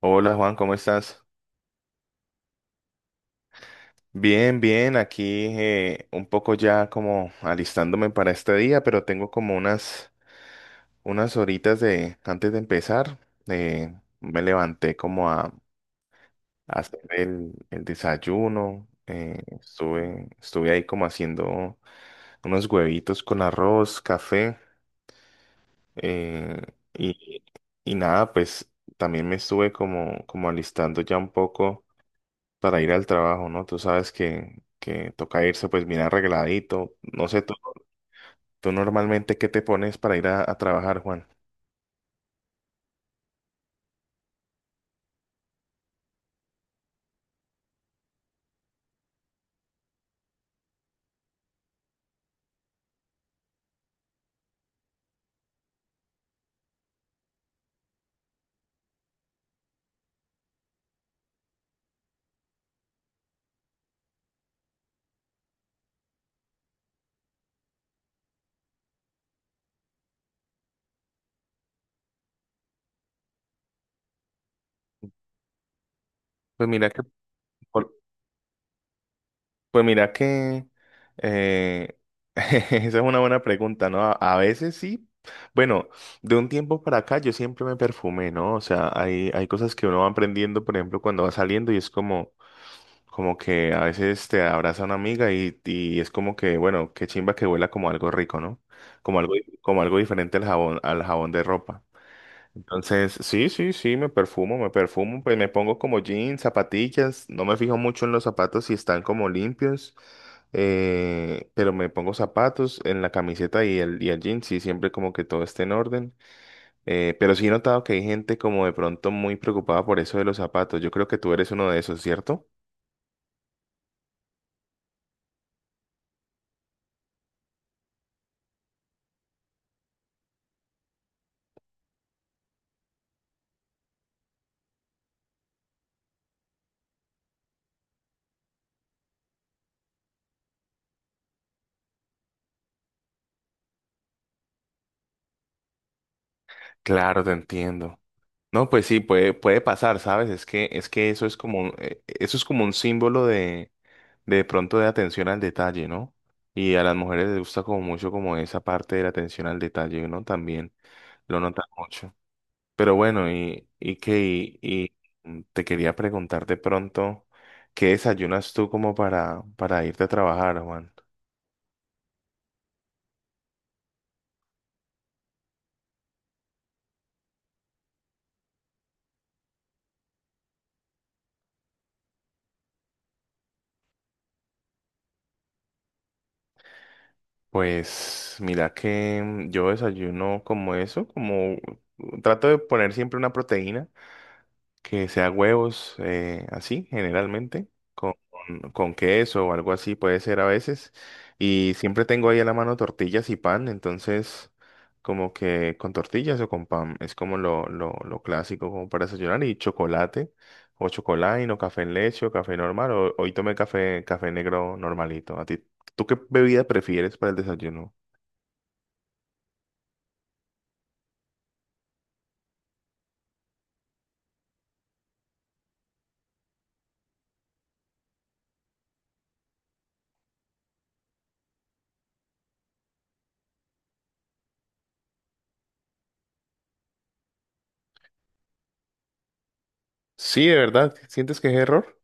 Hola Juan, ¿cómo estás? Bien, bien, aquí un poco ya como alistándome para este día, pero tengo como unas horitas de antes de empezar. eh, Me levanté como a hacer el desayuno. Estuve ahí como haciendo unos huevitos con arroz, café. eh, y, y nada, pues también me estuve como alistando ya un poco para ir al trabajo, ¿no? Tú sabes que toca irse pues bien arregladito. No sé, tú normalmente qué te pones para ir a trabajar, Juan. Pues mira que, por- pues mira que eh, esa es una buena pregunta, ¿no? A veces sí. Bueno, de un tiempo para acá yo siempre me perfumé, ¿no? O sea, hay cosas que uno va aprendiendo, por ejemplo, cuando va saliendo y es como. Como que a veces te abraza una amiga y es como que, bueno, qué chimba que huela como algo rico, ¿no? Como algo, Como algo diferente al jabón de ropa. Entonces, sí, sí, sí, me perfumo, pues me pongo como jeans, zapatillas, no me fijo mucho en los zapatos si están como limpios, pero me pongo zapatos en la camiseta y y el jean, sí, siempre como que todo esté en orden. Pero sí he notado que hay gente como de pronto muy preocupada por eso de los zapatos. Yo creo que tú eres uno de esos, ¿cierto? Claro, te entiendo. No, pues sí, puede pasar, ¿sabes? Es que eso es como eso es como un símbolo de pronto de atención al detalle, ¿no? Y a las mujeres les gusta como mucho como esa parte de la atención al detalle, ¿no? También lo notan mucho. Pero bueno, y que y, mm, te quería preguntar de pronto, ¿qué desayunas tú como para irte a trabajar, Juan? Pues mira que yo desayuno como eso, como trato de poner siempre una proteína. Que sea huevos, así generalmente, con queso o algo así puede ser a veces. Y siempre tengo ahí a la mano tortillas y pan, entonces como que con tortillas o con pan es como lo clásico como para desayunar y chocolate o chocolate o café en leche o café normal o hoy tomé café, café negro normalito. ¿A ti, tú qué bebida prefieres para el desayuno? Sí, de verdad, ¿sientes que es error?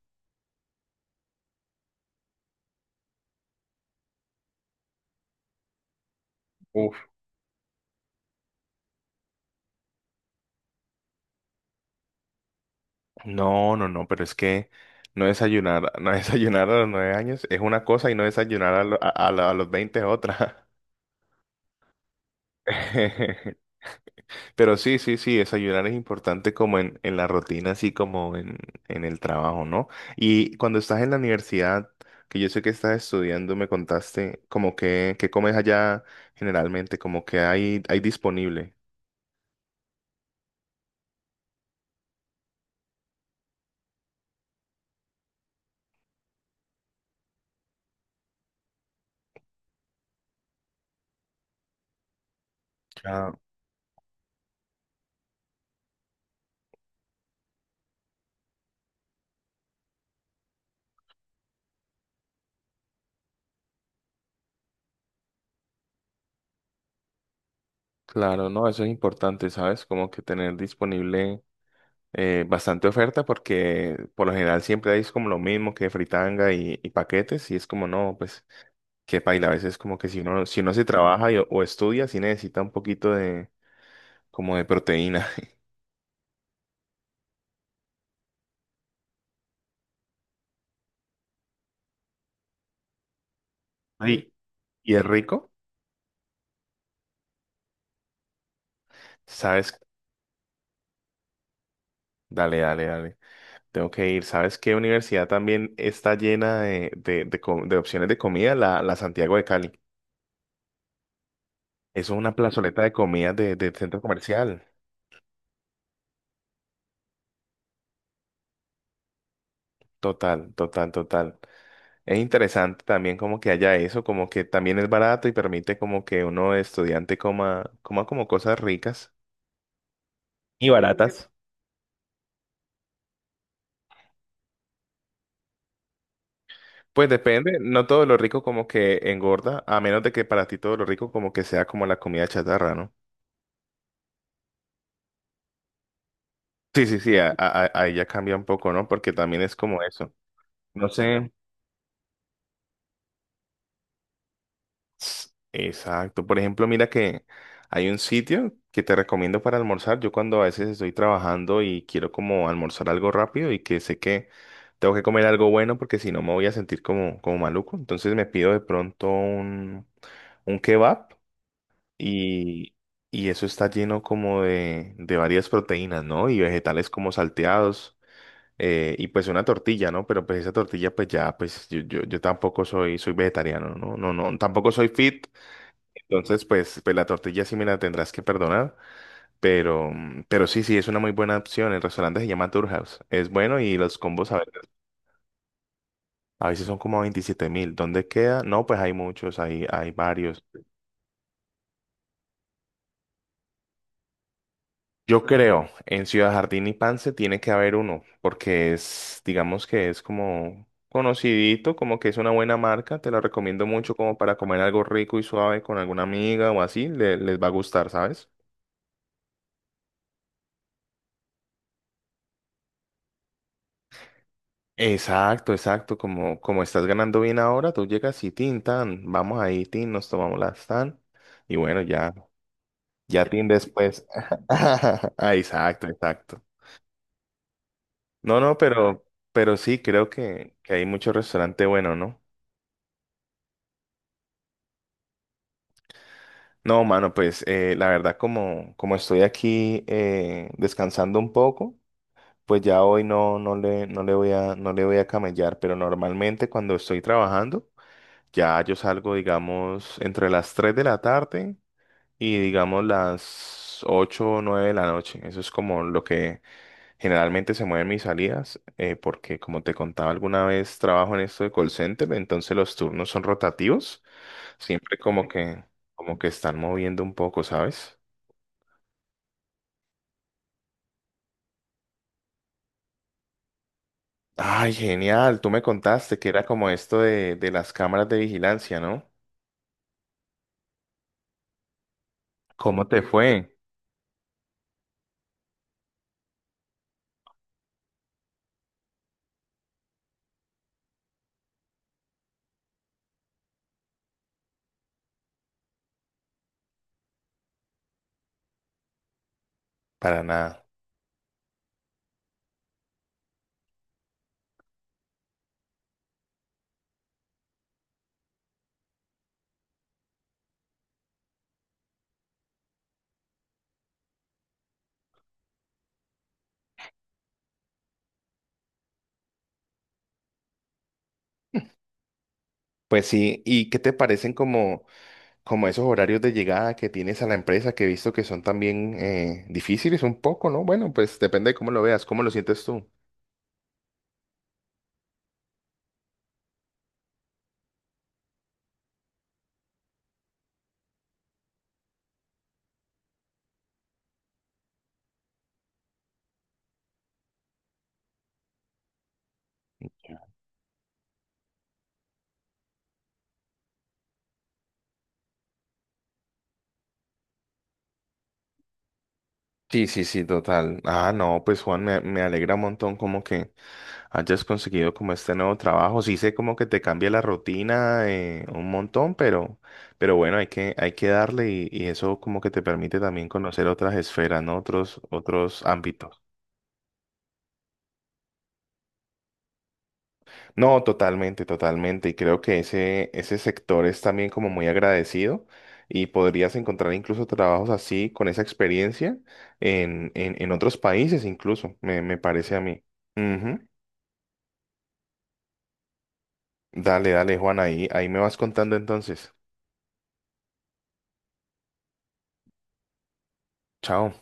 No, no, no, pero es que no desayunar, no desayunar a los nueve años es una cosa y no desayunar a, lo- a la- a los veinte es otra. Pero sí, sí, sí, desayunar es importante como en la rutina, así como en el trabajo, ¿no? Y cuando estás en la universidad, que yo sé que estás estudiando, me contaste como que comes allá generalmente, como que hay disponible. Claro. Claro, no, eso es importante, ¿sabes? Como que tener disponible. Bastante oferta porque por lo general siempre hay como lo mismo que fritanga y paquetes y es como no, pues qué paila, a veces como que si uno, si uno se trabaja y- o estudia, sí necesita un poquito de como de proteína. Ay, y es rico, ¿sabes? Dale, dale, dale. Tengo que ir. ¿Sabes qué universidad también está llena de, de opciones de comida? La, la Santiago de Cali. Eso es una plazoleta de comida de centro comercial. Total, total, total. Es interesante también como que haya eso, como que también es barato y permite como que uno estudiante coma, coma como cosas ricas. Y baratas. Pues depende, no todo lo rico como que engorda, a menos de que para ti todo lo rico como que sea como la comida chatarra, ¿no? Sí, sí, sí, ahí ya cambia un poco, ¿no? Porque también es como eso. No sé. Exacto. Por ejemplo, mira que hay un sitio que te recomiendo para almorzar. Yo cuando a veces estoy trabajando y quiero como almorzar algo rápido y que sé que tengo que comer algo bueno porque si no me voy a sentir como, como maluco. Entonces me pido de pronto un kebab y, y eso está lleno como de varias proteínas, ¿no? Y vegetales como salteados. Y pues una tortilla, ¿no? Pero pues esa tortilla, pues ya, pues yo tampoco soy vegetariano, ¿no? No, no, tampoco soy fit, entonces, pues, pues la tortilla sí me la tendrás que perdonar, pero, pero sí, sí, es una muy buena opción. El restaurante se llama Tourhouse. Es bueno y los combos a, ver, a veces son como 27 mil. ¿Dónde queda? No, pues hay muchos, hay varios. Yo creo, en Ciudad Jardín y Pance tiene que haber uno, porque es, digamos que es como conocidito, como que es una buena marca. Te la recomiendo mucho como para comer algo rico y suave con alguna amiga o así. Les va a gustar, ¿sabes? Exacto, exacto. Como, como estás ganando bien ahora, tú llegas y tin, tan, vamos ahí, tin, nos tomamos las tan. Y bueno, ya, ya tin después. Ah, exacto, exacto. No, no, pero sí, creo que hay mucho restaurante bueno, ¿no? No, mano, pues la verdad, como, como estoy aquí descansando un poco, pues ya hoy no, no le voy no le voy a camellar, pero normalmente cuando estoy trabajando, ya yo salgo, digamos, entre las 3 de la tarde. Y digamos las 8 o 9 de la noche. Eso es como lo que generalmente se mueven mis salidas, porque como te contaba alguna vez, trabajo en esto de call center, entonces los turnos son rotativos, siempre como como que están moviendo un poco, ¿sabes? Ay, genial, tú me contaste que era como esto de las cámaras de vigilancia, ¿no? ¿Cómo te fue? Para nada. Pues sí, ¿y qué te parecen como... como esos horarios de llegada que tienes a la empresa, que he visto que son también difíciles un poco, ¿no? Bueno, pues depende de cómo lo veas, cómo lo sientes tú. Sí, sí, sí, total. Ah, no, pues Juan, me alegra un montón como que hayas conseguido como este nuevo trabajo. Sí sé como que te cambia la rutina un montón, pero bueno, hay que darle y eso como que te permite también conocer otras esferas, ¿no? Otros, otros ámbitos. No, totalmente, totalmente. Y creo que ese sector es también como muy agradecido y podrías encontrar incluso trabajos así con esa experiencia en otros países incluso, me parece a mí. Ujú. Dale, dale, Juan, ahí, ahí me vas contando entonces. Chao.